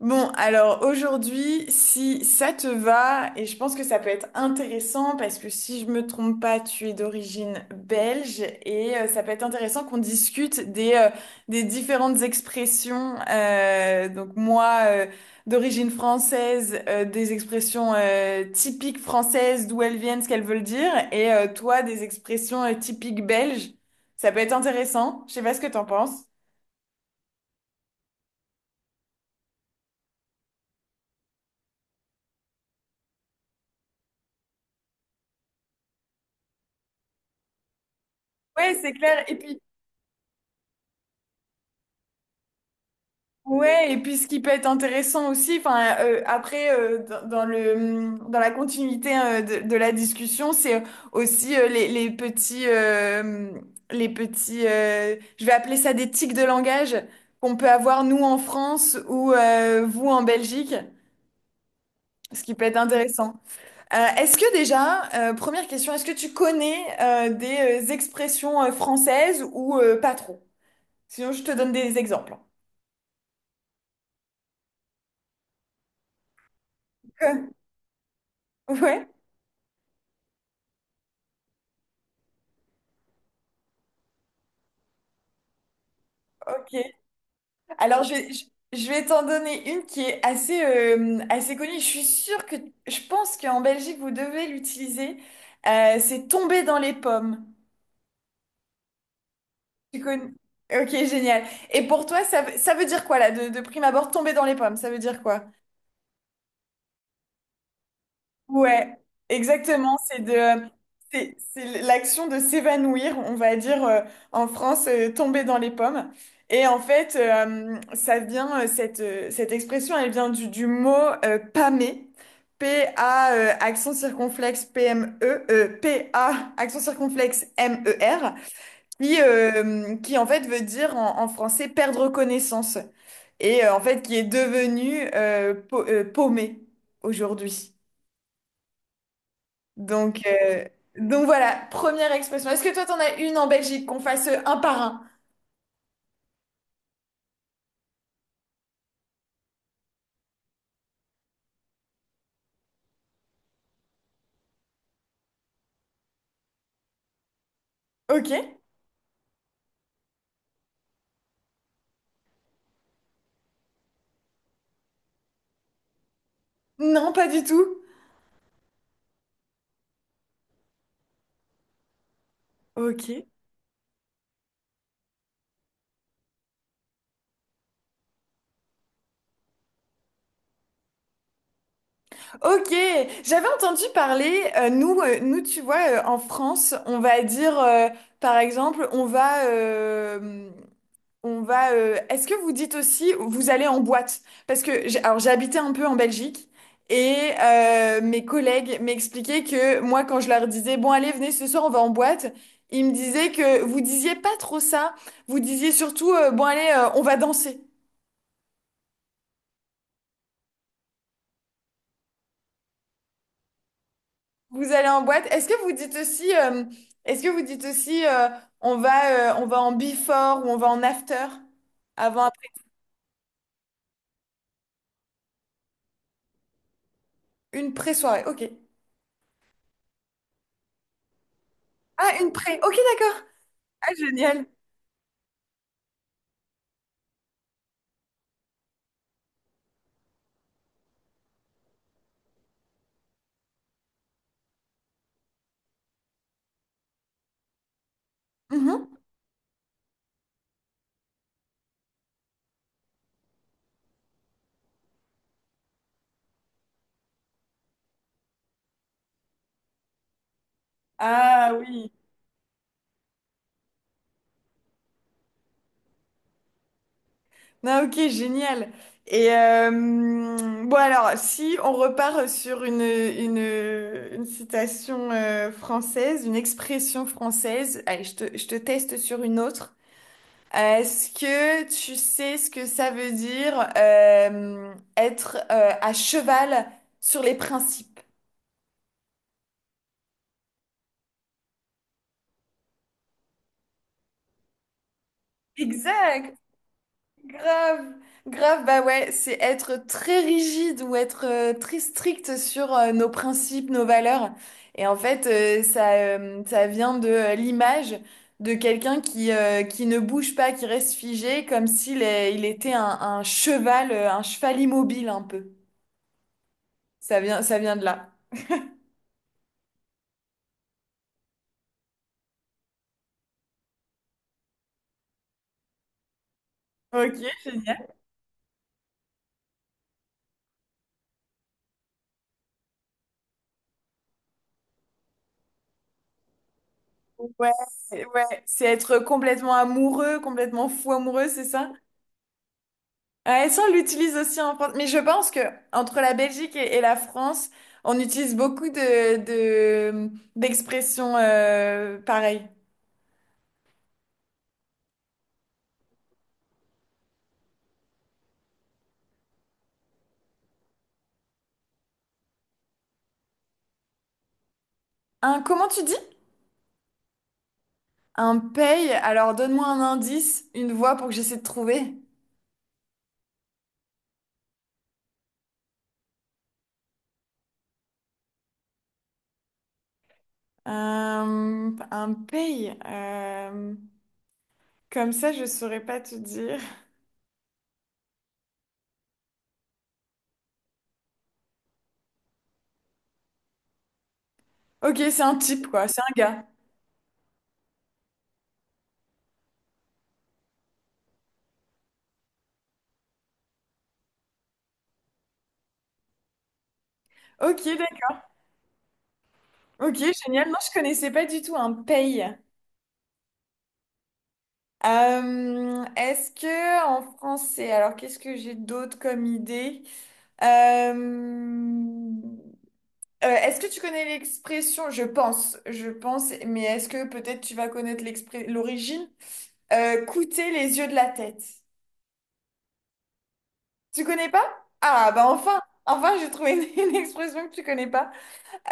Bon, alors aujourd'hui, si ça te va, et je pense que ça peut être intéressant parce que si je me trompe pas, tu es d'origine belge et ça peut être intéressant qu'on discute des différentes expressions. Donc moi, d'origine française, des expressions typiques françaises, d'où elles viennent, ce qu'elles veulent dire, et toi, des expressions typiques belges. Ça peut être intéressant. Je sais pas ce que t'en penses. Ouais, c'est clair. Ouais, et puis ce qui peut être intéressant aussi, après dans, dans le dans la continuité de la discussion, c'est aussi les petits je vais appeler ça des tics de langage qu'on peut avoir nous en France ou vous en Belgique, ce qui peut être intéressant. Est-ce que déjà, première question, est-ce que tu connais des expressions françaises ou pas trop? Sinon, je te donne des exemples. Ouais, ok. Alors, je vais t'en donner une qui est assez, assez connue. Je suis sûre que Je pense qu'en Belgique, vous devez l'utiliser. C'est tomber dans les pommes. Tu connais? Ok, génial. Et pour toi, ça veut dire quoi là, de prime abord, tomber dans les pommes, ça veut dire quoi? Ouais, exactement. C'est l'action de s'évanouir, on va dire en France, tomber dans les pommes. Et en fait, ça vient, cette expression, elle vient du mot pâmer, P-A, accent circonflexe P-M-E, P-A, accent circonflexe M-E-R, qui en fait veut dire en, en français perdre connaissance. Et en fait, qui est devenu paumé aujourd'hui. Donc, euh, donc voilà, première expression. Est-ce que toi, t'en as une en Belgique qu'on fasse un par un? Ok. Non, pas du tout. Ok. Ok. J'avais entendu parler, nous, tu vois, en France, on va dire, par exemple, On va. Est-ce que vous dites aussi, vous allez en boîte? Parce que j'ai, alors j'ai habité un peu en Belgique et mes collègues m'expliquaient que moi, quand je leur disais, bon, allez, venez ce soir, on va en boîte, ils me disaient que vous disiez pas trop ça. Vous disiez surtout, bon, allez, on va danser. Vous allez en boîte. Est-ce que vous dites aussi, on va en before ou on va en after? Avant, après, une pré-soirée. Ok. Ah, une pré. Ok, d'accord. Ah, génial. Mhm. Ah oui. Ah, ok, génial. Et bon alors, si on repart sur une citation française, une expression française, allez, je te teste sur une autre. Est-ce que tu sais ce que ça veut dire être à cheval sur les principes? Exact. Grave, grave, bah ouais, c'est être très rigide ou être très strict sur nos principes, nos valeurs. Et en fait, ça vient de l'image de quelqu'un qui ne bouge pas, qui reste figé, comme il était un cheval immobile un peu. Ça vient de là. Ok, génial. Ouais, ouais, c'est être complètement amoureux, complètement fou amoureux, c'est ça? Ouais, ça, on l'utilise aussi en France. Mais je pense que entre la Belgique et la France, on utilise beaucoup de, d'expressions pareilles. Un, comment tu dis? Un paye. Alors, donne-moi un indice, une voix pour que j'essaie de trouver. Euh, un paye. Comme ça, je saurais pas te dire. Ok, c'est un type, quoi. C'est un gars. Ok, d'accord. Ok, génial. Non, je connaissais pas du tout un paye. Est-ce que en français, alors qu'est-ce que j'ai d'autre comme idée? Euh, est-ce que tu connais l'expression? Je pense, mais est-ce que peut-être tu vas connaître l'origine? Coûter les yeux de la tête. Tu connais pas? Ah bah enfin, enfin j'ai trouvé une une expression que tu connais pas.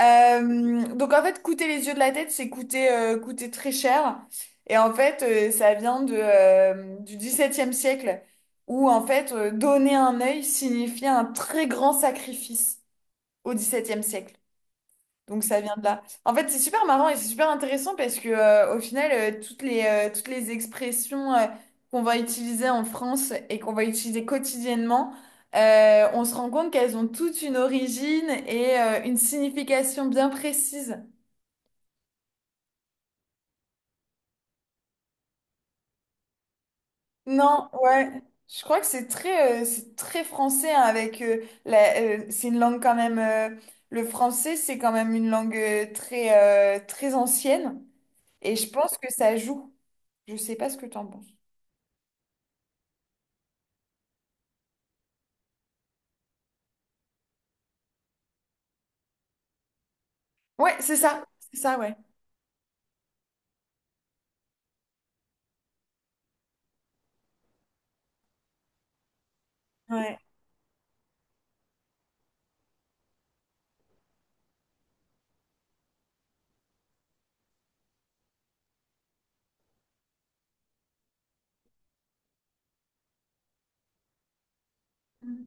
Donc en fait, coûter les yeux de la tête, c'est coûter, coûter très cher. Et en fait, ça vient de, du XVIIe siècle, où en fait, donner un œil signifiait un très grand sacrifice au XVIIe siècle. Donc ça vient de là. En fait, c'est super marrant et c'est super intéressant parce que au final, toutes les expressions qu'on va utiliser en France et qu'on va utiliser quotidiennement, on se rend compte qu'elles ont toutes une origine et une signification bien précise. Non, ouais. Je crois que c'est très français hein, avec c'est une langue quand même. Le français, c'est quand même une langue très ancienne et je pense que ça joue. Je sais pas ce que t'en penses. Ouais, c'est ça, ouais. Ouais. Mm.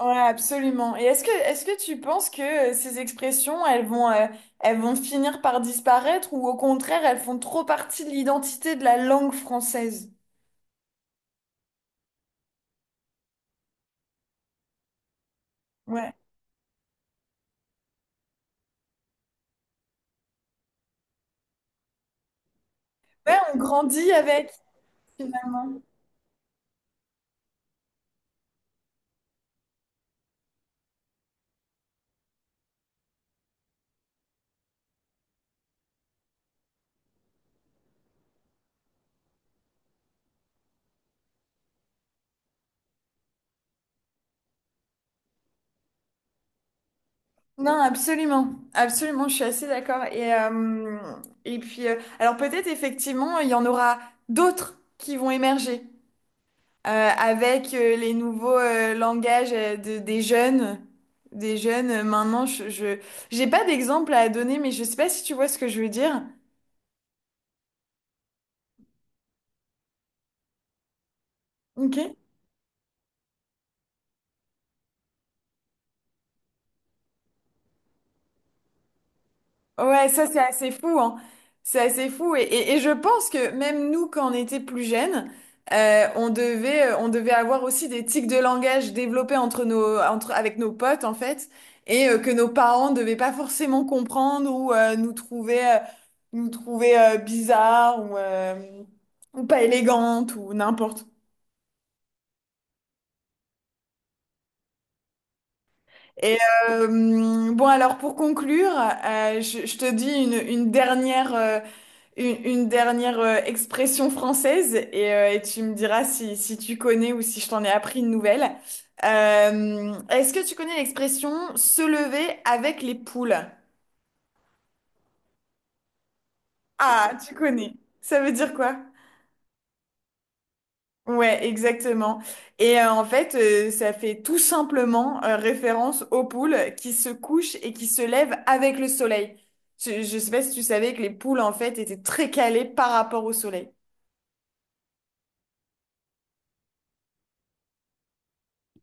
Ouais, absolument. Et est-ce que tu penses que ces expressions, elles vont finir par disparaître ou au contraire, elles font trop partie de l'identité de la langue française? Ouais. Ouais, on grandit avec, finalement. Non, absolument. Absolument, je suis assez d'accord. Et, alors peut-être effectivement, il y en aura d'autres qui vont émerger. Euh, avec les nouveaux langages des jeunes maintenant, j'ai pas d'exemple à donner, mais je sais pas si tu vois ce que je veux dire. Ok. Ouais, ça c'est assez fou, hein. C'est assez fou. Et, et je pense que même nous, quand on était plus jeunes, on devait avoir aussi des tics de langage développés avec nos potes, en fait, et que nos parents ne devaient pas forcément comprendre ou nous trouver bizarres ou pas élégantes ou n'importe. Et bon, alors pour conclure, je te dis une dernière. Une dernière expression française et tu me diras si, si tu connais ou si je t'en ai appris une nouvelle. Est-ce que tu connais l'expression se lever avec les poules? Ah, tu connais. Ça veut dire quoi? Ouais, exactement. Et en fait, ça fait tout simplement référence aux poules qui se couchent et qui se lèvent avec le soleil. Je sais pas si tu savais que les poules, en fait, étaient très calées par rapport au soleil.